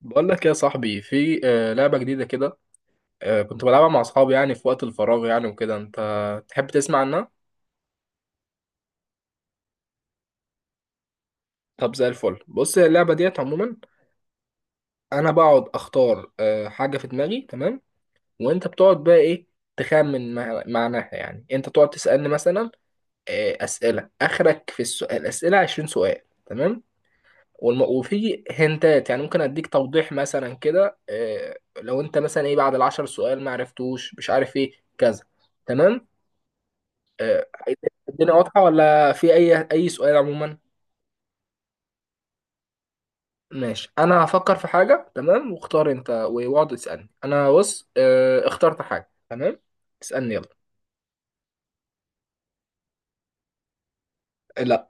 بقول لك يا صاحبي، في لعبة جديدة كده. كنت بلعبها مع أصحابي يعني في وقت الفراغ يعني وكده. أنت تحب تسمع عنها؟ طب زي الفل. بص، هي اللعبة ديت عموما أنا بقعد أختار حاجة في دماغي، تمام؟ وأنت بتقعد بقى إيه، تخمن معناها، يعني أنت تقعد تسألني مثلا أسئلة. آخرك في السؤال، الأسئلة 20 سؤال، تمام؟ وفي هنتات، يعني ممكن أديك توضيح مثلا كده. لو أنت مثلا إيه بعد 10 سؤال ما عرفتوش، مش عارف إيه كذا، تمام؟ آه، الدنيا واضحة ولا في أي سؤال عموما؟ ماشي، أنا هفكر في حاجة. تمام، واختار أنت واقعد تسألني. أنا بص اخترت حاجة. تمام، اسألني يلا. لا.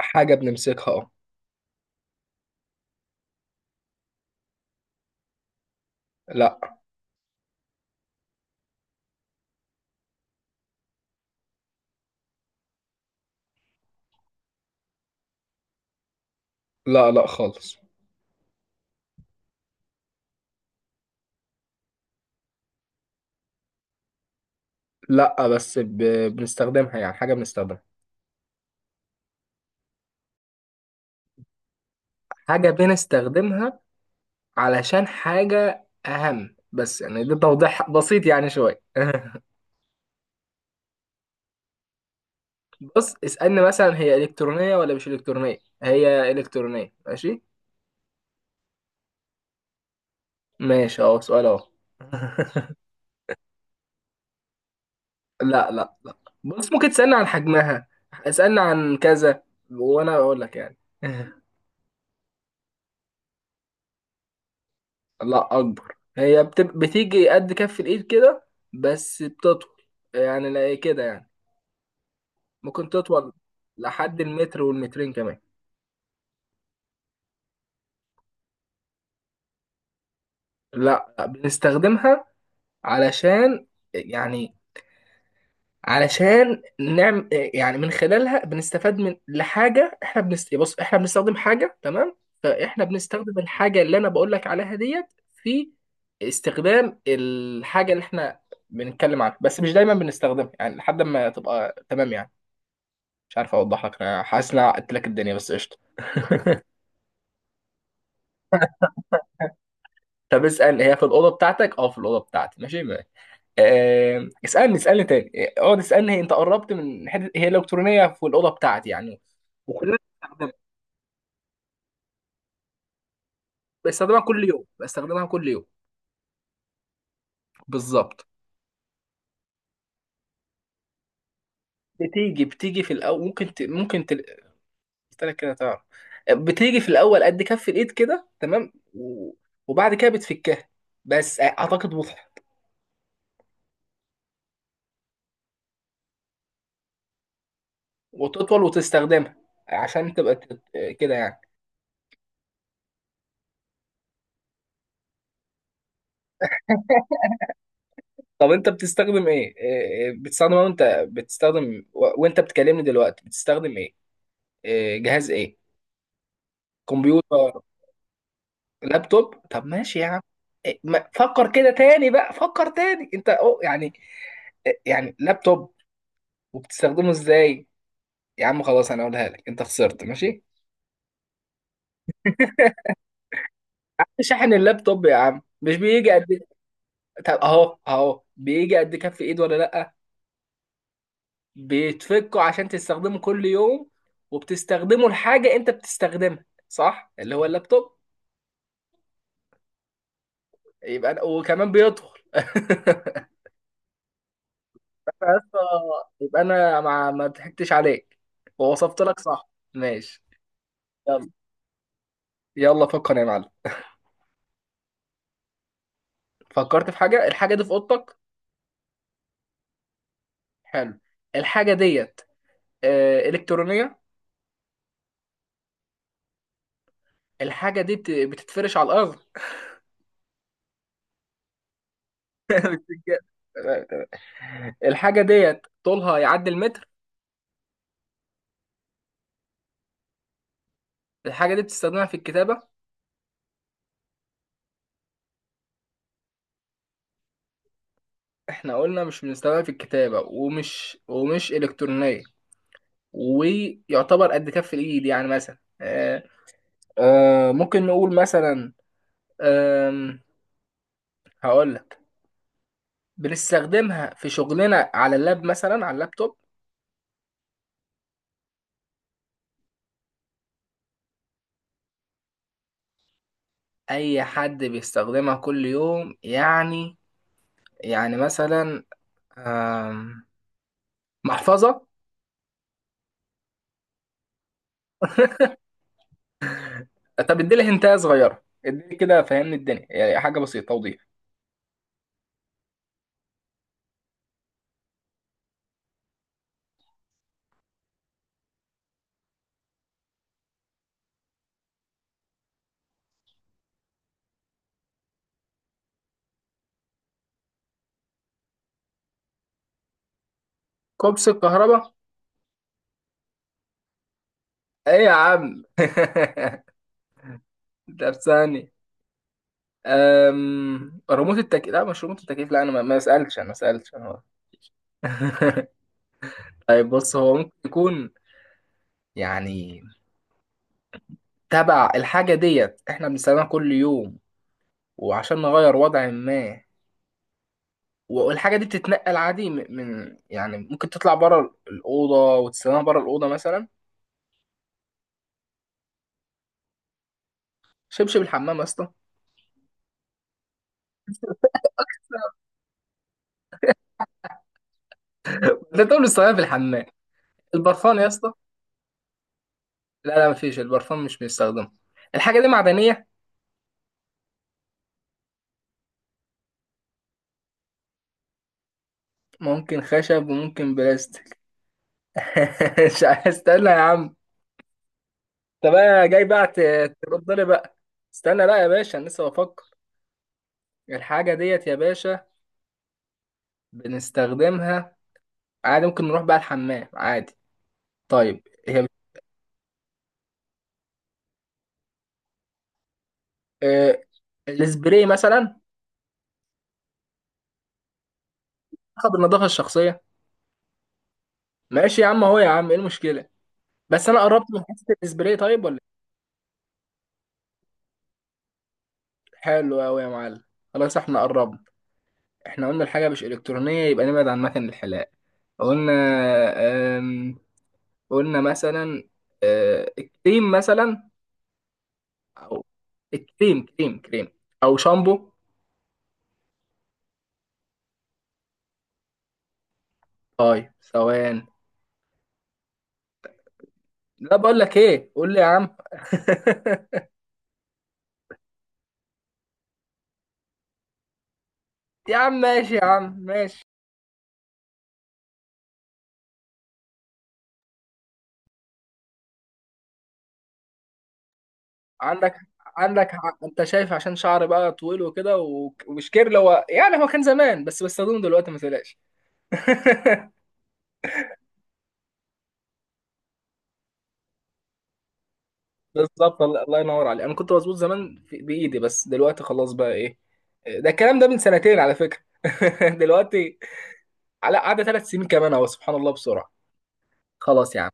حاجة بنمسكها، اه. لا، لا، لا خالص. لا، بس بنستخدمها يعني. حاجة بنستخدمها. حاجة بنستخدمها علشان حاجة أهم. بس يعني ده توضيح بسيط، يعني شوية. بص، اسألني مثلا هي إلكترونية ولا مش إلكترونية. هي إلكترونية، ماشي. ماشي، اهو سؤال اهو. لا، لا، لا. بص، ممكن تسألني عن حجمها، اسألني عن كذا، وانا اقول لك يعني. لا، اكبر. هي بتيجي قد كف الايد كده، بس بتطول يعني. لا، إيه كده يعني، ممكن تطول لحد المتر والمترين كمان. لا، بنستخدمها علشان، يعني علشان نعمل، يعني من خلالها بنستفاد من لحاجه. احنا بص، احنا بنستخدم حاجه، تمام؟ فاحنا بنستخدم الحاجه اللي انا بقول لك عليها ديت في استخدام الحاجه اللي احنا بنتكلم عنها. بس مش دايما بنستخدمها يعني، لحد ما تبقى تمام يعني. مش عارف اوضح لك، انا حاسس ان انا عقدت لك الدنيا، بس قشطه. طب اسال، هي في الاوضه بتاعتك؟ اه في الاوضه بتاعتي، ماشي ما. اسالني، اسالني تاني. اقعد اسالني، هي انت قربت من حته، هي الكترونيه في الاوضه بتاعتي يعني وكلنا. بستخدمها كل يوم، بستخدمها كل يوم. بالظبط. بتيجي في الاول، ممكن ممكن قلت لك كده، تعرف، بتيجي في الاول قد كف الايد كده، تمام وبعد كده بتفكها. بس اعتقد واضحه، وتطول وتستخدمها عشان تبقى كده يعني. طب انت بتستخدم ايه؟ إيه بتستخدم، وانت بتستخدم وانت بتكلمني دلوقتي، بتستخدم ايه؟ جهاز ايه؟ كمبيوتر؟ لابتوب، طب ماشي يا عم. فكر كده تاني بقى، فكر تاني انت، أو يعني، يعني لابتوب، وبتستخدمه ازاي؟ يا عم خلاص انا اقولها لك، انت خسرت ماشي. شاحن اللابتوب يا عم، مش بيجي قد؟ طب اهو اهو، بيجي قد كف ايد ولا لا؟ بيتفكه عشان تستخدمه كل يوم، وبتستخدمه لحاجه انت بتستخدمها، صح، اللي هو اللابتوب. يبقى وكمان بيدخل. يبقى، انا ما ضحكتش عليك، ووصفت لك صح ماشي. يلا، يلا فكر يا معلم. فكرت في حاجه، الحاجه دي في اوضتك. حلو، الحاجه ديت الكترونيه؟ الحاجه دي بتتفرش على الارض. بتتج- الحاجه ديت طولها يعدي المتر. الحاجه دي بتستخدمها في الكتابه. احنا قلنا مش بنستخدمها في الكتابه، ومش الكترونيه. ويعتبر قد كف الايد، يعني مثلا ممكن نقول مثلا آم، هقول لك، بنستخدمها في شغلنا على اللاب مثلا، على اللابتوب. اي حد بيستخدمها كل يوم يعني، يعني مثلا آم، محفظة. طب اديلي هنتايه صغيره، اديلي كده فهمني الدنيا يعني. حاجه بسيطه، توضيح. كوبس الكهرباء؟ ايه يا عم. طب ثاني ريموت التكييف؟ لا، مش ريموت التكييف، لا انا ما سالتش، انا ما سالتش انا. طيب بص، هو ممكن يكون يعني تبع الحاجه ديت، احنا بنستخدمها كل يوم وعشان نغير وضع ما. والحاجه دي بتتنقل عادي، يعني ممكن تطلع بره الاوضه وتستخدمها بره الاوضه مثلا. شبشب الحمام يا اسطى؟ ده تقول لي استخدمها في الحمام. البرفان يا اسطى؟ لا، لا، مفيش، البرفان مش بيستخدمه. الحاجة دي معدنية. ممكن خشب وممكن بلاستيك. مش استنى يا عم، انت بقى جاي بقى ترد لي بقى. استنى بقى يا باشا، انا لسه بفكر. الحاجة ديت يا باشا بنستخدمها عادي، ممكن نروح بقى الحمام عادي. طيب هي آه، السبراي مثلا؟ اخد النظافة الشخصية. ماشي يا عم، اهو يا عم، ايه المشكلة؟ بس انا قربت من حتة السبراي، طيب ولا إيه؟ حلو قوي يا معلم. خلاص احنا قربنا. احنا قلنا الحاجة مش إلكترونية، يبقى نبعد عن مكن الحلاقة. قلنا أم... قلنا مثلا أه... كريم مثلا. أو كريم، كريم، كريم، أو شامبو. طيب ثواني، لا بقول لك إيه، قول لي يا عم. يا عم ماشي، يا عم ماشي. عندك، انت شايف عشان شعر بقى طويل وكده، ومش كيرل هو، يعني هو كان زمان، بس بستخدمه دلوقتي، ما تقلقش. بالظبط، الله الله ينور عليك. انا كنت مظبوط زمان بايدي، بس دلوقتي خلاص بقى ايه. ده الكلام ده من سنتين على فكره. دلوقتي على قعدة 3 سنين كمان اهو، سبحان الله بسرعه. خلاص يا عم.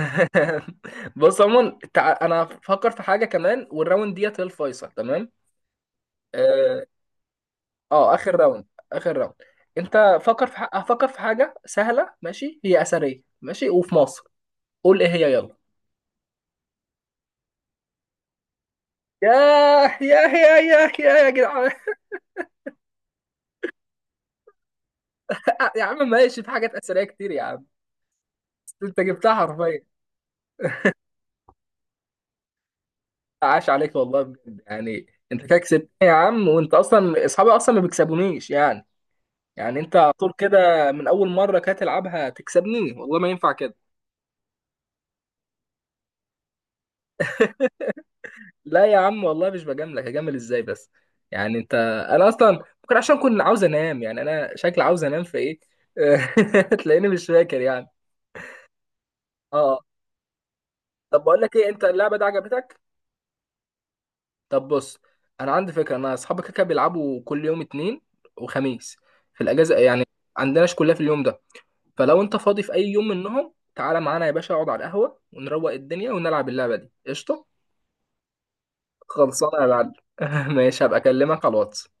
بص عموما، انا فكر في حاجه كمان، والراوند ديت هي الفيصل، تمام؟ اه، اخر راوند. اخر راوند، انت فكر في فكر في حاجه سهله، ماشي. هي اثريه ماشي وفي مصر، قول ايه هي، يلا. ياه، ياه، ياه، ياه، ياه، يا جدعان. يا عم ماشي، في حاجات اثريه كتير يا عم، انت جبتها حرفيا. عاش عليك والله، بجد يعني. انت كده كسبتني يا عم، وانت اصلا اصحابي اصلا ما بيكسبونيش يعني. يعني انت على طول كده من اول مره كده تلعبها تكسبني، والله ما ينفع كده. لا يا عم والله، مش بجاملك، هجامل ازاي بس؟ يعني انا اصلا ممكن عشان كنت عاوز انام، يعني انا شكلي عاوز انام في ايه. تلاقيني مش فاكر يعني، اه. طب بقول لك ايه، انت اللعبه دي عجبتك؟ طب بص، انا عندي فكره. انا اصحابي كده كده بيلعبوا كل يوم اتنين وخميس في الاجازه يعني، عندناش كلها في اليوم ده. فلو انت فاضي في اي يوم منهم تعالى معانا يا باشا، اقعد على القهوه، ونروق الدنيا ونلعب اللعبه دي، قشطه. خلصانه يا معلم. ماشي، هبقى اكلمك على الواتس.